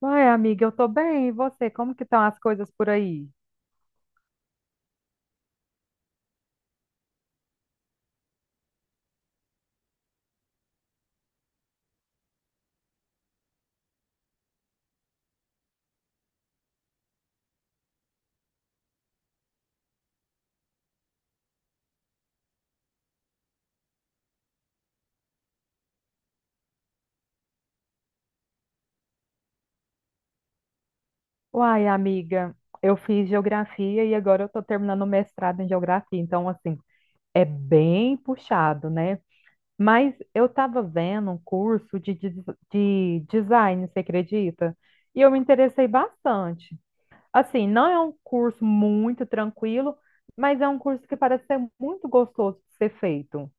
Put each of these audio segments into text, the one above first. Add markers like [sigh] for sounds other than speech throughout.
Uai, amiga, eu tô bem. E você? Como que estão as coisas por aí? Uai, amiga, eu fiz geografia e agora eu tô terminando o mestrado em geografia, então assim, é bem puxado, né? Mas eu tava vendo um curso de design, você acredita? E eu me interessei bastante. Assim, não é um curso muito tranquilo, mas é um curso que parece ser muito gostoso de ser feito.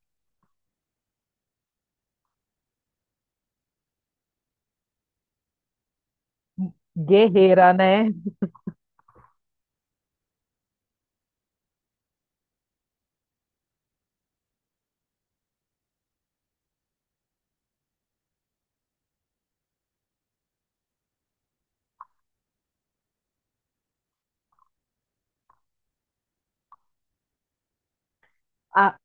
Guerreira, né? A-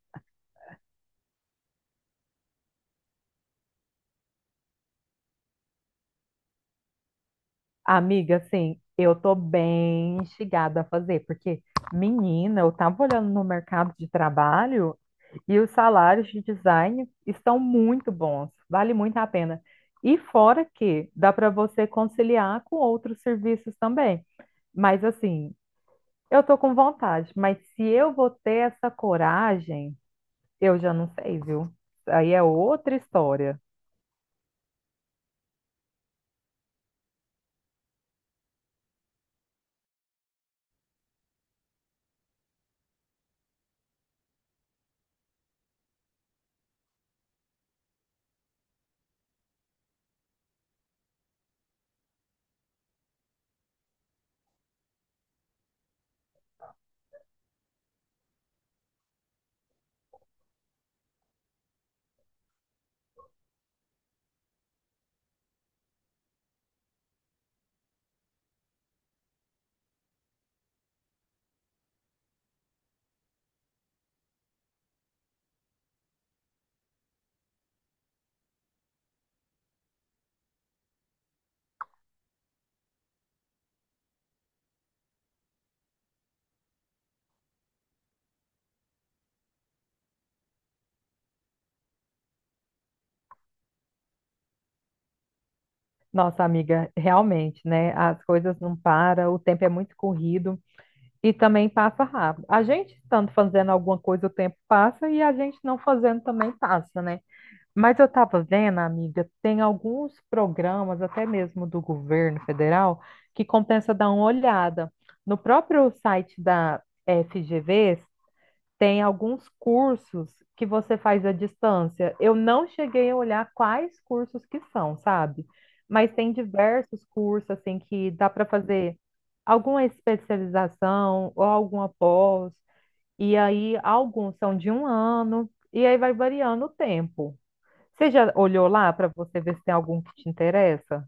Amiga, assim, eu tô bem instigada a fazer, porque, menina, eu tava olhando no mercado de trabalho e os salários de design estão muito bons, vale muito a pena. E fora que dá para você conciliar com outros serviços também. Mas, assim, eu tô com vontade, mas se eu vou ter essa coragem, eu já não sei, viu? Aí é outra história. Nossa, amiga, realmente, né? As coisas não param, o tempo é muito corrido. E também passa rápido. A gente estando fazendo alguma coisa, o tempo passa, e a gente não fazendo também passa, né? Mas eu estava vendo, amiga, tem alguns programas, até mesmo do governo federal, que compensa dar uma olhada. No próprio site da FGV, tem alguns cursos que você faz à distância. Eu não cheguei a olhar quais cursos que são, sabe? Mas tem diversos cursos assim que dá para fazer alguma especialização ou alguma pós, e aí alguns são de um ano, e aí vai variando o tempo. Você já olhou lá para você ver se tem algum que te interessa?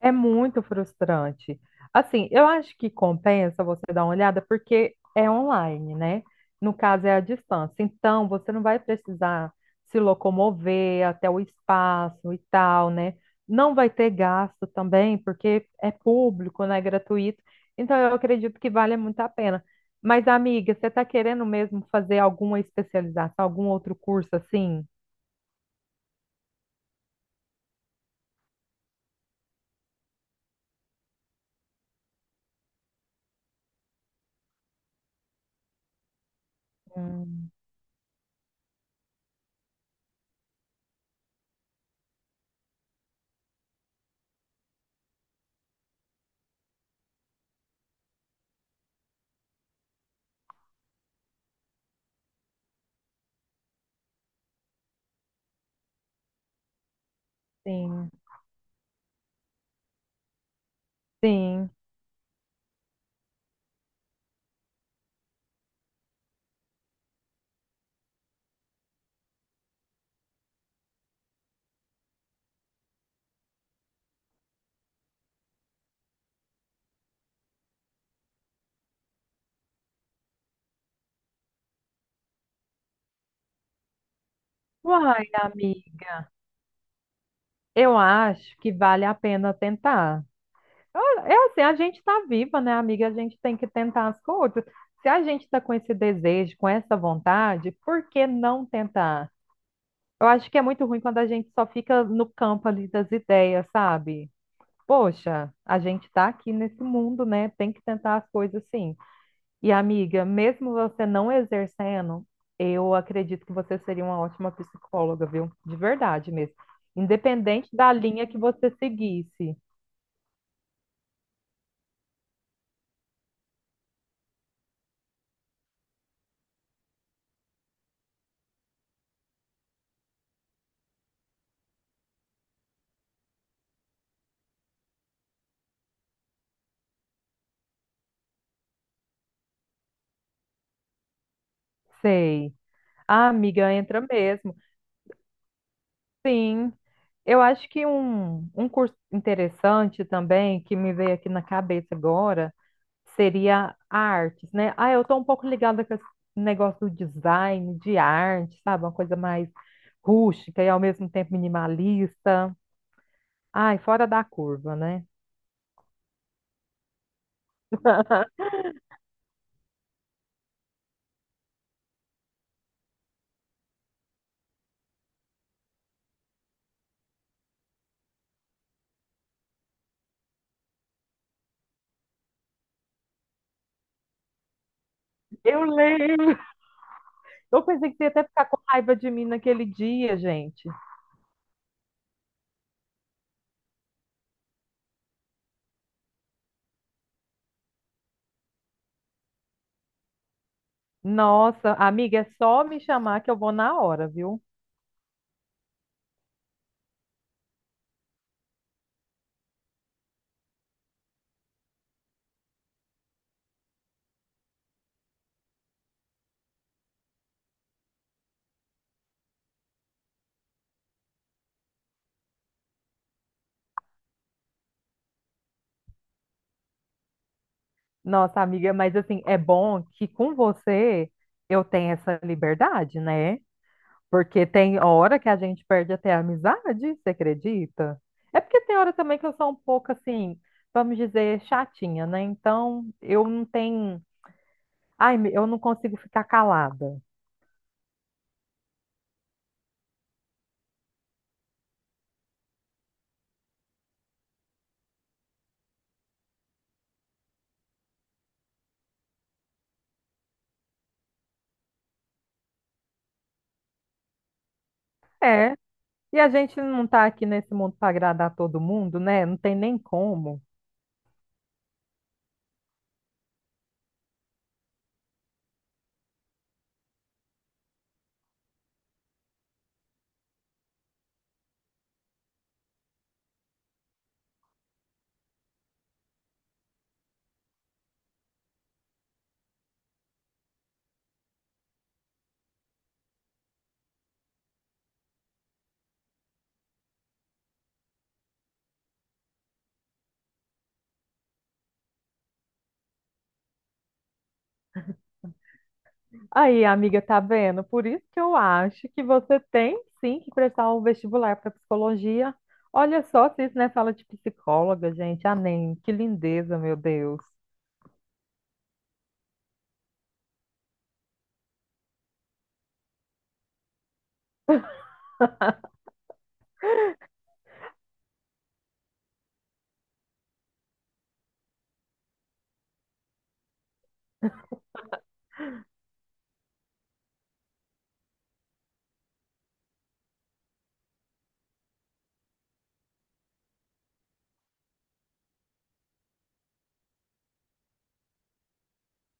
É muito frustrante. Assim, eu acho que compensa você dar uma olhada porque é online, né? No caso, é à distância. Então, você não vai precisar se locomover até o espaço e tal, né? Não vai ter gasto também, porque é público, né? Gratuito. Então, eu acredito que vale muito a pena. Mas, amiga, você está querendo mesmo fazer alguma especialização, algum outro curso assim? Hum, sim. Sim. Uai, amiga. Eu acho que vale a pena tentar. Ah, é assim, a gente está viva, né, amiga? A gente tem que tentar as coisas. Se a gente está com esse desejo, com essa vontade, por que não tentar? Eu acho que é muito ruim quando a gente só fica no campo ali das ideias, sabe? Poxa, a gente está aqui nesse mundo, né? Tem que tentar as coisas sim. E amiga, mesmo você não exercendo, eu acredito que você seria uma ótima psicóloga, viu? De verdade mesmo. Independente da linha que você seguisse. Sei. Ah, amiga, entra mesmo. Sim. Eu acho que um curso interessante também, que me veio aqui na cabeça agora, seria artes, né? Ah, eu estou um pouco ligada com esse negócio do design, de arte, sabe? Uma coisa mais rústica e ao mesmo tempo minimalista. Ai, fora da curva, né? [laughs] Eu lembro. Eu pensei que você ia até ficar com raiva de mim naquele dia, gente. Nossa, amiga, é só me chamar que eu vou na hora, viu? Nossa, amiga, mas assim, é bom que com você eu tenho essa liberdade, né? Porque tem hora que a gente perde até a amizade, você acredita? É porque tem hora também que eu sou um pouco assim, vamos dizer, chatinha, né? Então, eu não tenho. Ai, eu não consigo ficar calada. É, e a gente não tá aqui nesse mundo para agradar todo mundo, né? Não tem nem como. Aí, amiga, tá vendo? Por isso que eu acho que você tem sim que prestar o vestibular para psicologia. Olha só se isso não é fala de psicóloga, gente. Ah, nem, que lindeza, meu Deus.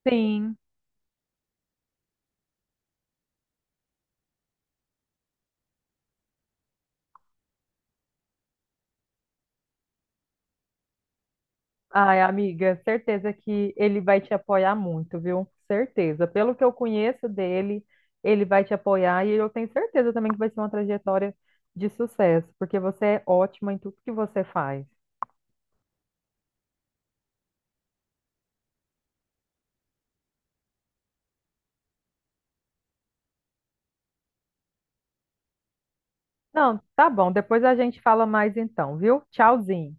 Sim. Ai, amiga, certeza que ele vai te apoiar muito, viu? Certeza. Pelo que eu conheço dele, ele vai te apoiar e eu tenho certeza também que vai ser uma trajetória de sucesso, porque você é ótima em tudo que você faz. Não, tá bom. Depois a gente fala mais então, viu? Tchauzinho.